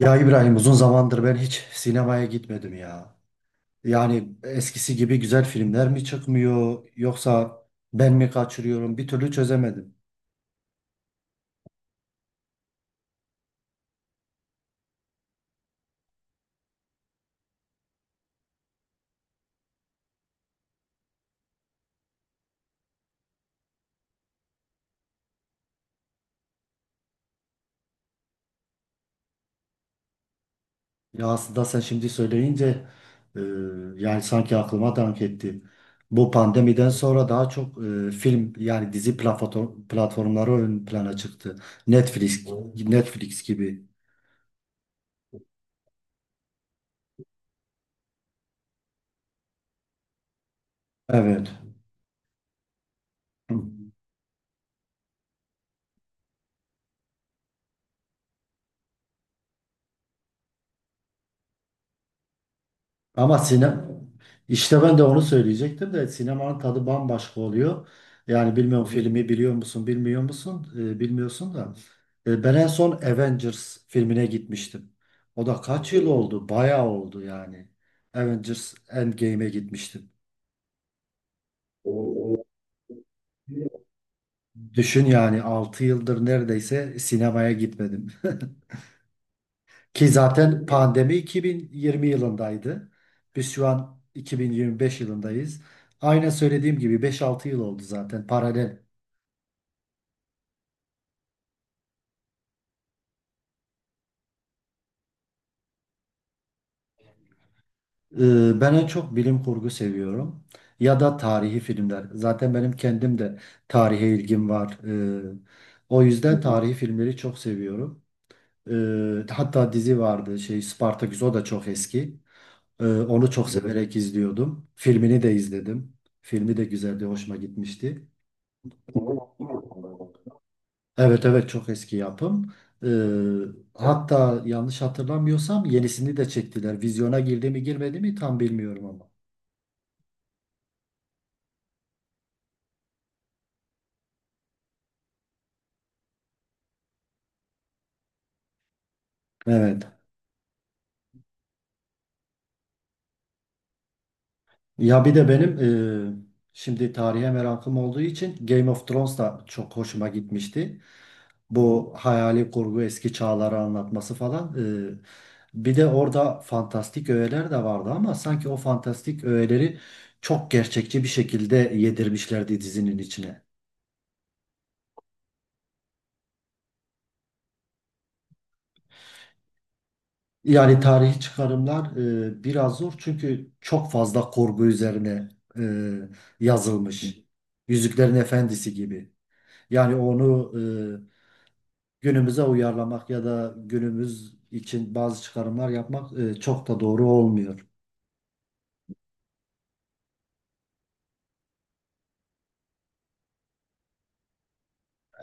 Ya İbrahim, uzun zamandır ben hiç sinemaya gitmedim ya. Yani eskisi gibi güzel filmler mi çıkmıyor, yoksa ben mi kaçırıyorum, bir türlü çözemedim. Ya aslında sen şimdi söyleyince e, yani sanki aklıma dank etti. Bu pandemiden sonra daha çok film yani dizi platformları ön plana çıktı. Netflix, Netflix gibi. Evet. Ama sinem işte ben de onu söyleyecektim de sinemanın tadı bambaşka oluyor. Yani bilmiyorum. Evet. Filmi biliyor musun, bilmiyor musun? Bilmiyorsun da. Ben en son Avengers filmine gitmiştim. O da kaç yıl oldu? Bayağı oldu yani. Avengers Endgame'e gitmiştim. Düşün yani 6 yıldır neredeyse sinemaya gitmedim. Ki zaten pandemi 2020 yılındaydı. Biz şu an 2025 yılındayız. Aynen söylediğim gibi 5-6 yıl oldu zaten paralel. Ben en çok bilim kurgu seviyorum. Ya da tarihi filmler. Zaten benim kendim de tarihe ilgim var. Ee, o yüzden tarihi filmleri çok seviyorum. Hatta dizi vardı, şey, Spartaküs, o da çok eski. Onu çok severek izliyordum. Filmini de izledim. Filmi de güzeldi, hoşuma gitmişti. Evet, evet, çok eski yapım. Ee, hatta yanlış hatırlamıyorsam yenisini de çektiler. Vizyona girdi mi girmedi mi tam bilmiyorum ama. Evet. Ya bir de benim şimdi tarihe merakım olduğu için Game of Thrones da çok hoşuma gitmişti. Bu hayali kurgu eski çağları anlatması falan. Bir de orada fantastik öğeler de vardı ama sanki o fantastik öğeleri çok gerçekçi bir şekilde yedirmişlerdi dizinin içine. Yani tarihi çıkarımlar biraz zor çünkü çok fazla korku üzerine e, yazılmış. Yüzüklerin Efendisi gibi. Yani onu e, günümüze uyarlamak ya da günümüz için bazı çıkarımlar yapmak çok da doğru olmuyor.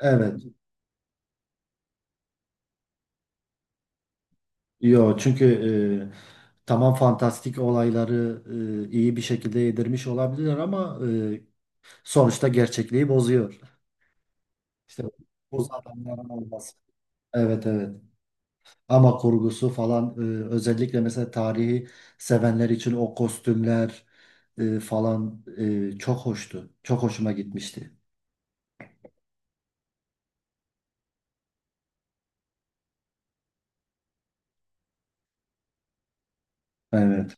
Evet. Yo, çünkü tamam, fantastik olayları iyi bir şekilde yedirmiş olabilirler ama sonuçta gerçekliği bozuyor. İşte bu adamların olması. Evet, evet. Ama kurgusu falan özellikle mesela tarihi sevenler için o kostümler falan çok hoştu. Çok hoşuma gitmişti. Evet.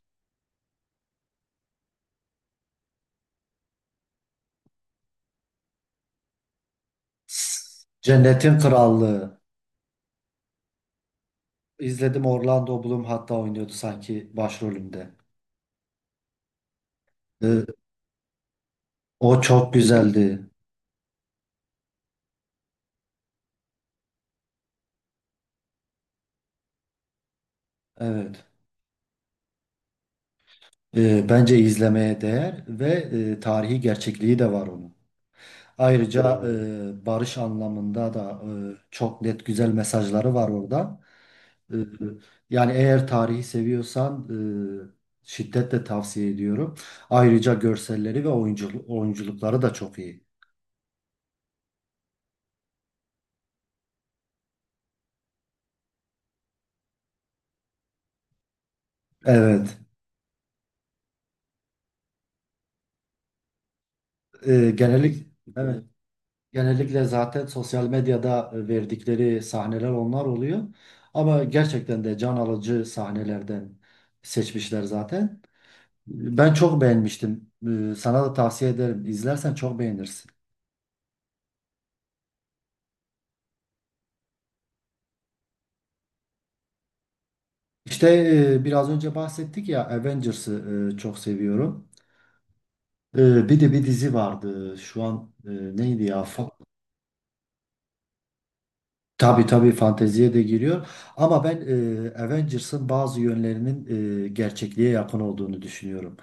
Cennetin Krallığı. İzledim, Orlando Bloom hatta oynuyordu sanki başrolünde. E, o çok güzeldi. Evet. Bence izlemeye değer ve tarihi gerçekliği de var onun. Ayrıca, evet, barış anlamında da çok net güzel mesajları var orada. Ee, Yani eğer tarihi seviyorsan şiddetle tavsiye ediyorum. Ayrıca görselleri ve oyunculukları da çok iyi. Evet. Genellik Evet. Genellikle zaten sosyal medyada verdikleri sahneler onlar oluyor. Ama gerçekten de can alıcı sahnelerden seçmişler zaten. Ben çok beğenmiştim. Sana da tavsiye ederim. İzlersen çok beğenirsin. İşte biraz önce bahsettik ya Avengers'ı çok seviyorum. Bir de bir dizi vardı. Şu an neydi ya? Tabii tabii fanteziye de giriyor. Ama ben Avengers'ın bazı yönlerinin gerçekliğe yakın olduğunu düşünüyorum.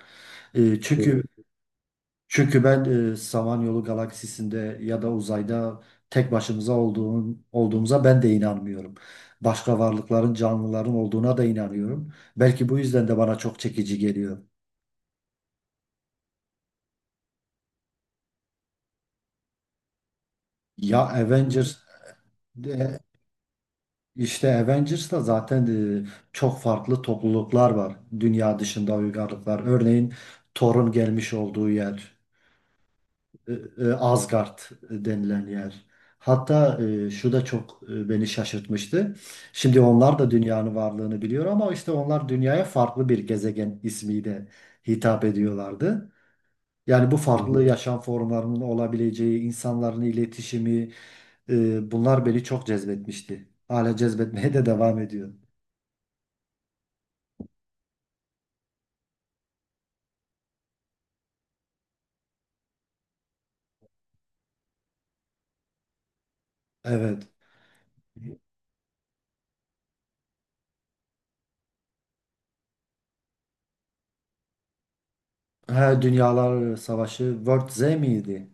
Çünkü evet, çünkü ben Samanyolu galaksisinde ya da uzayda tek başımıza olduğumuza ben de inanmıyorum. Başka varlıkların, canlıların olduğuna da inanıyorum. Belki bu yüzden de bana çok çekici geliyor. Ya Avengers İşte Avengers'ta zaten e, çok farklı topluluklar var, dünya dışında uygarlıklar. Örneğin Thor'un gelmiş olduğu yer, Asgard denilen yer. Hatta şu da çok beni şaşırtmıştı. Şimdi onlar da dünyanın varlığını biliyor ama işte onlar dünyaya farklı bir gezegen ismiyle hitap ediyorlardı. Yani bu farklı yaşam formlarının olabileceği, insanların iletişimi, bunlar beni çok cezbetmişti. Hala cezbetmeye de devam ediyor. Evet. Ha, Dünyalar Savaşı, World Z miydi?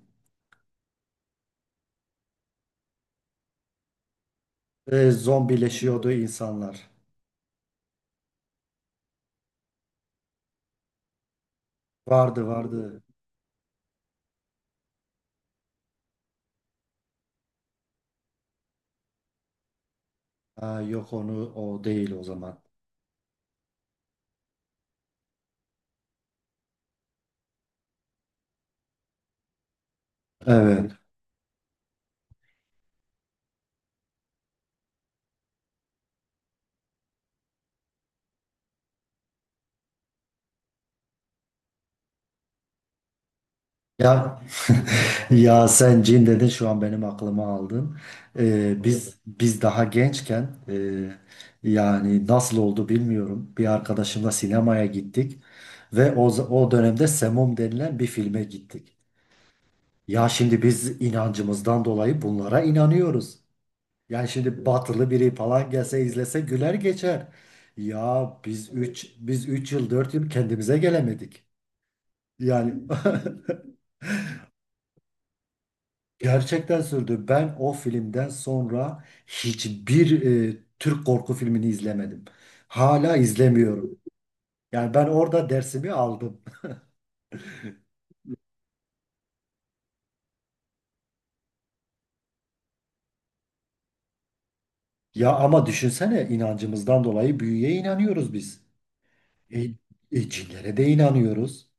Zombileşiyordu insanlar. Vardı, vardı. Ha, yok, onu o değil o zaman. Evet. Ya, ya sen cin dedin, şu an benim aklıma aldın. Biz daha gençken yani nasıl oldu bilmiyorum. Bir arkadaşımla sinemaya gittik ve o dönemde Semum denilen bir filme gittik. Ya şimdi biz inancımızdan dolayı bunlara inanıyoruz. Yani şimdi batılı biri falan gelse izlese güler geçer. Ya biz üç yıl 4 yıl kendimize gelemedik. Yani gerçekten sürdü. Ben o filmden sonra hiçbir Türk korku filmini izlemedim. Hala izlemiyorum. Yani ben orada dersimi aldım. Ya ama düşünsene, inancımızdan dolayı büyüye inanıyoruz biz. E, cinlere de inanıyoruz.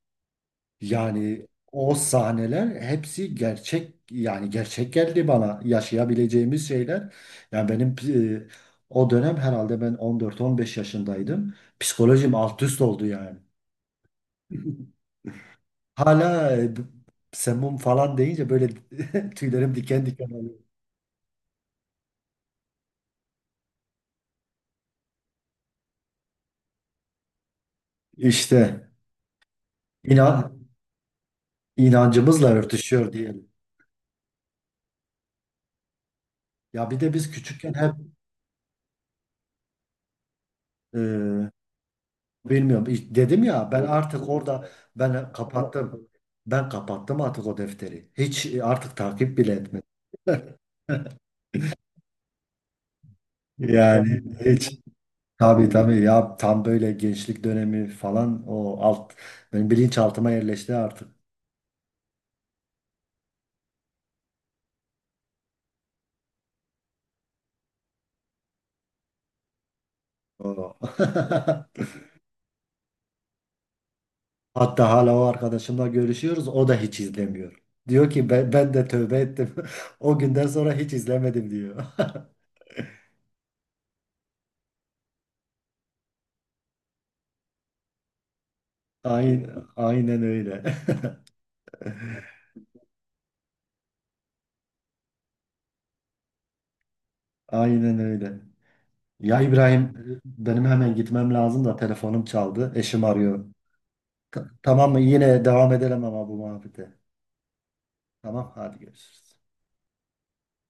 Yani o sahneler hepsi gerçek, yani gerçek geldi bana, yaşayabileceğimiz şeyler. Yani benim e, o dönem herhalde ben 14-15 yaşındaydım. Psikolojim alt üst oldu yani. Hala semum falan deyince böyle tüylerim diken diken oluyor. İşte inan, inancımızla örtüşüyor diyelim. Ya bir de biz küçükken hep. e, Bilmiyorum. İşte dedim ya, ben artık orada ben kapattım. Ben kapattım artık o defteri. Hiç artık takip bile etmedim. Yani hiç. Tabii, tabii ya, tam böyle gençlik dönemi falan, o alt benim bilinçaltıma yerleşti artık. O. Hatta hala o arkadaşımla görüşüyoruz. O da hiç izlemiyor. Diyor ki, ben de tövbe ettim. O günden sonra hiç izlemedim, diyor. Aynen, aynen öyle. Aynen öyle. Ya İbrahim, benim hemen gitmem lazım, da telefonum çaldı. Eşim arıyor. Tamam mı? Yine devam edelim ama bu muhabbete. Tamam, hadi görüşürüz.